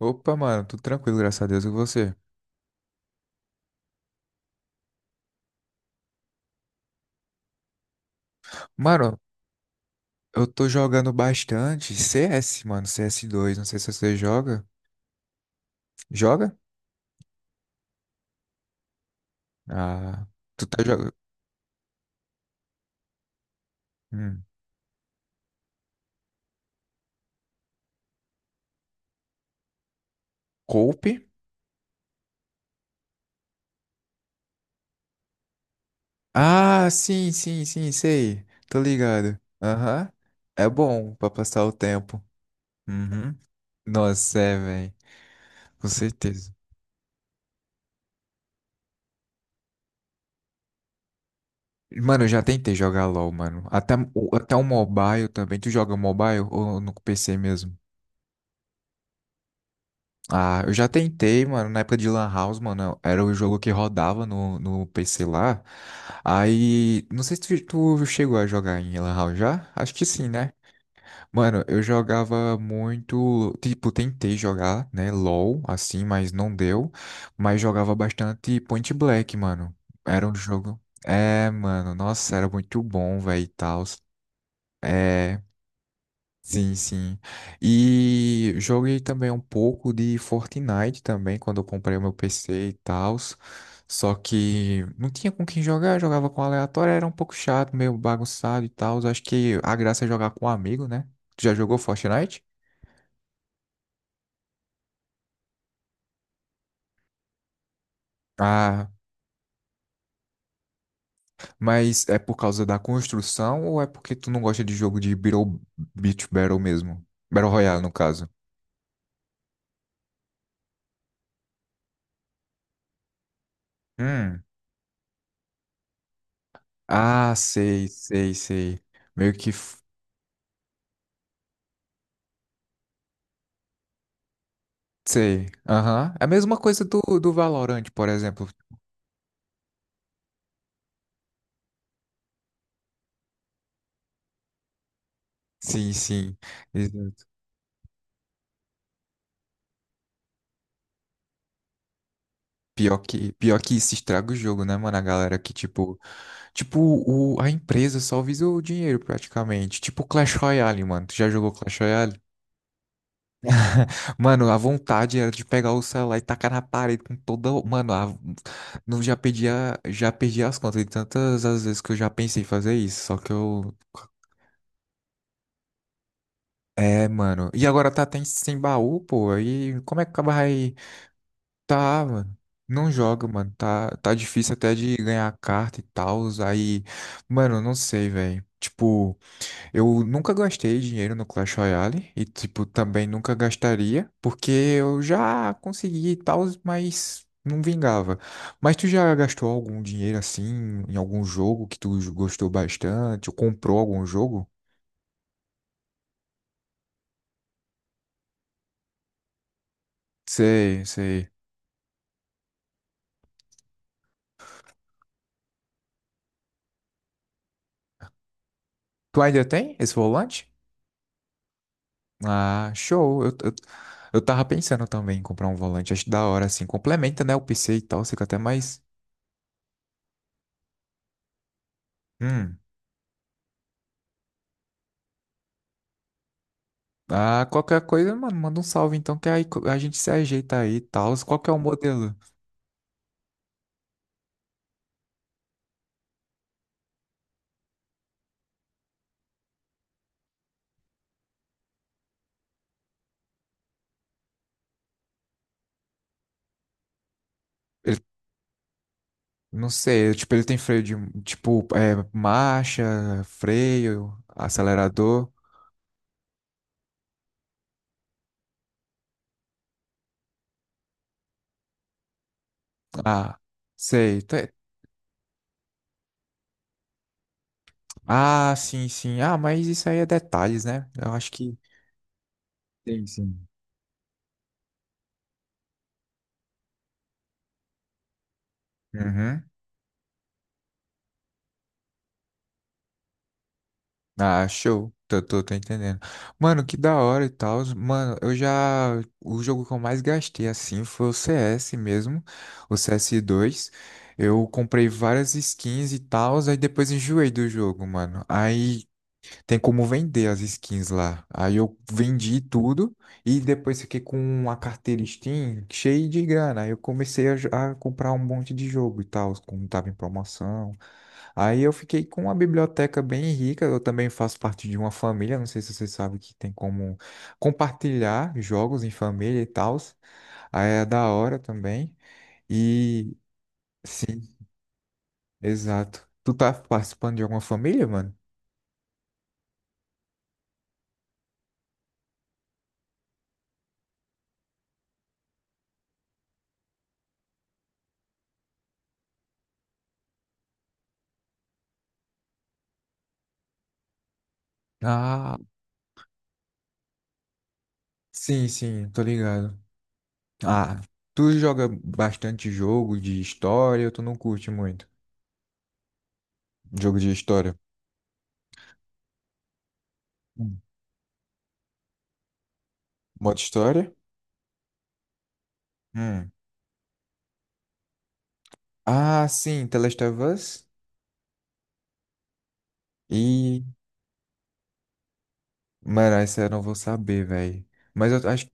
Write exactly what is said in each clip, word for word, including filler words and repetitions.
Opa, mano, tudo tranquilo, graças a Deus, e você? Mano, eu tô jogando bastante C S, mano, C S dois, não sei se você joga. Joga? Ah, tu tá jogando... Hum. Cope? Ah, sim, sim, sim, sei, tô ligado. Aham, é bom pra passar o tempo. Uhum. Nossa, é, velho, com certeza. Mano, eu já tentei jogar LoL, mano, até, o- até o mobile também, tu joga mobile ou no P C mesmo? Ah, eu já tentei, mano, na época de Lan House, mano, era o jogo que rodava no, no P C lá. Aí, não sei se tu, tu chegou a jogar em Lan House já? Acho que sim, né? Mano, eu jogava muito, tipo, tentei jogar, né, LoL, assim, mas não deu. Mas jogava bastante Point Black, mano. Era um jogo... É, mano, nossa, era muito bom, velho, e tal. Sim, sim. E joguei também um pouco de Fortnite também, quando eu comprei o meu P C e tal. Só que não tinha com quem jogar, jogava com aleatório, era um pouco chato, meio bagunçado e tal. Acho que a graça é jogar com um amigo, né? Tu já jogou Fortnite? Ah, mas é por causa da construção ou é porque tu não gosta de jogo de Beetle- Beat Battle mesmo? Battle Royale, no caso. Hum. Ah, sei, sei, sei. Meio que. Sei. Aham. É a mesma coisa do, do Valorant, por exemplo. Sim, sim. Exato. Pior que, pior que isso estraga o jogo, né, mano? A galera que, tipo, tipo o, a empresa só visa o dinheiro praticamente. Tipo Clash Royale, mano. Tu já jogou Clash Royale? Mano, a vontade era de pegar o celular e tacar na parede com toda. Mano, a- não já perdi, a- já perdi as contas de tantas as vezes que eu já pensei em fazer isso. Só que eu. É, mano. E agora tá até sem baú, pô. Aí como é que acaba aí? Tá, mano. Não joga, mano. Tá, tá difícil até de ganhar carta e tal. Aí, mano, não sei, velho. Tipo, eu nunca gastei dinheiro no Clash Royale e, tipo, também nunca gastaria, porque eu já consegui e tal, mas não vingava. Mas tu já gastou algum dinheiro assim em algum jogo que tu gostou bastante ou comprou algum jogo? Sei, sei. Tu ainda tem esse volante? Ah, show. Eu, eu, eu tava pensando também em comprar um volante. Acho da hora, assim. Complementa, né, o P C e tal. Fica até mais. Hum. Ah, qualquer coisa, mano, manda um salve então, que aí co- a gente se ajeita aí e tal. Qual que é o modelo? Ele, não sei, tipo, ele tem freio de. Tipo, é, marcha, freio, acelerador. Ah, sei. Tá-. Ah, sim, sim. Ah, mas isso aí é detalhes, né? Eu acho que. Sim, sim. Uhum. Ah, show. Tô, tô, tô entendendo. Mano, que da hora e tal. Mano, eu já. O jogo que eu mais gastei assim foi o C S mesmo, o C S dois. Eu comprei várias skins e tal, aí depois enjoei do jogo, mano. Aí tem como vender as skins lá. Aí eu vendi tudo e depois fiquei com uma carteira Steam cheia de grana. Aí eu comecei a, jo- a comprar um monte de jogo e tal, como tava em promoção. Aí eu fiquei com uma biblioteca bem rica. Eu também faço parte de uma família. Não sei se você sabe que tem como compartilhar jogos em família e tal. Aí é da hora também. E sim, exato. Tu tá participando de alguma família, mano? Ah, sim, sim, tô ligado. Ah, tu joga bastante jogo de história ou tu não curte muito? Jogo de história. Hum. Modo história? Hum. Ah, sim, The Last of Us? E, Mano, essa eu não vou saber, velho. Mas eu acho.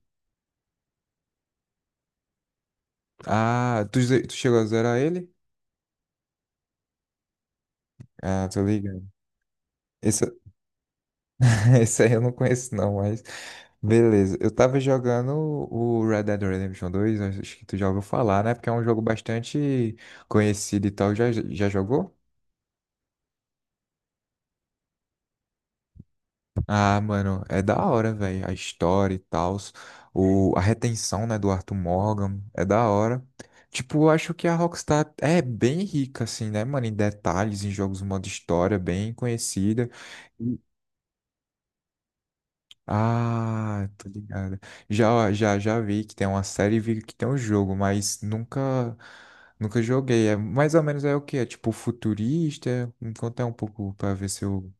Ah, tu, ze- tu chegou a zerar ele? Ah, tô ligado. Esse, esse aí eu não conheço, não, mas. Beleza. Eu tava jogando o Red Dead Redemption dois, acho que tu já ouviu falar, né? Porque é um jogo bastante conhecido e tal. Já, já jogou? Ah, mano, é da hora, velho. A história e tal. O... A retenção, né, do Arthur Morgan. É da hora. Tipo, eu acho que a Rockstar é bem rica, assim, né, mano? Em detalhes, em jogos de modo história, bem conhecida. E-. Ah, tô ligado. Já, já, já vi que tem uma série e vi que tem um jogo, mas nunca, nunca joguei. É mais ou menos é o quê? É tipo futurista? Me conta um pouco pra ver se eu.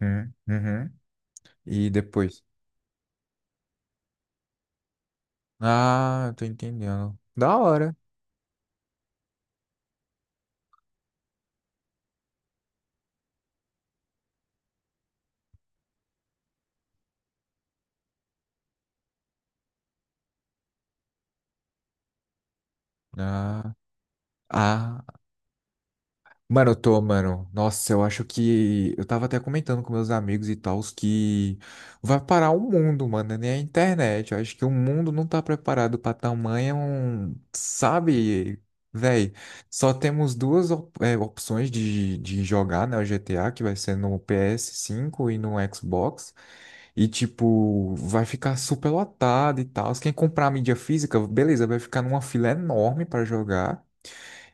Hum, uhum. E depois? Ah, eu tô entendendo. Da hora. Ah, ah. Mano, eu tô, mano. Nossa, eu acho que. Eu tava até comentando com meus amigos e tals que vai parar o mundo, mano, né? Nem a internet. Eu acho que o mundo não tá preparado pra tamanho. um- Sabe, véi? Só temos duas op- é, opções de, de jogar, né? O G T A, que vai ser no p s cinco e no Xbox. E, tipo, vai ficar super lotado e tal. Quem comprar a mídia física, beleza, vai ficar numa fila enorme pra jogar.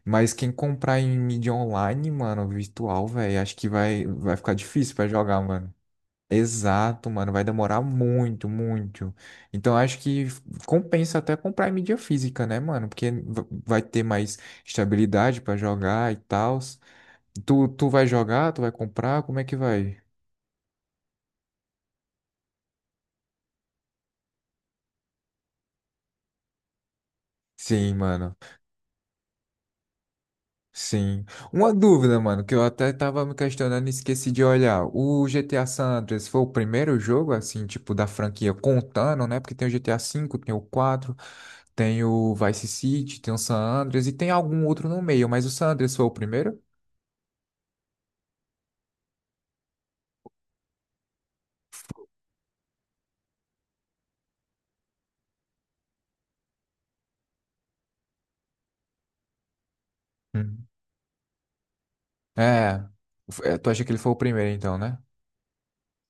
Mas quem comprar em mídia online, mano, virtual, velho, acho que vai, vai ficar difícil pra jogar, mano. Exato, mano, vai demorar muito, muito. Então acho que compensa até comprar em mídia física, né, mano? Porque va- vai ter mais estabilidade pra jogar e tal. Tu, tu vai jogar, tu vai comprar, como é que vai? Sim, mano. Sim. Uma dúvida, mano, que eu até tava me questionando e esqueci de olhar. O G T A San Andreas foi o primeiro jogo, assim, tipo, da franquia, contando, né? Porque tem o G T A cinco, tem o quatro, tem o Vice City, tem o San Andreas e tem algum outro no meio, mas o San Andreas foi o primeiro? Hum. É. F- é, Tu acha que ele foi o primeiro, então, né?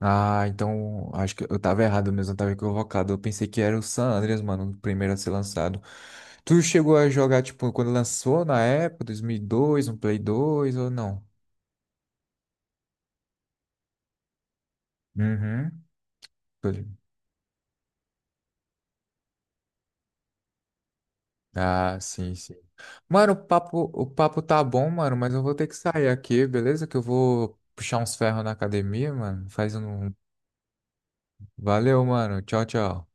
Ah, então acho que eu tava errado mesmo, eu tava equivocado. Eu pensei que era o San Andreas, mano, o primeiro a ser lançado. Tu chegou a jogar, tipo, quando lançou na época, dois mil e dois, no Play dois ou não? Uhum. Tô li-. Ah, sim, sim. Mano, o papo, o papo tá bom, mano, mas eu vou ter que sair aqui, beleza? Que eu vou puxar uns ferros na academia, mano. Faz um. Valeu, mano. Tchau, tchau.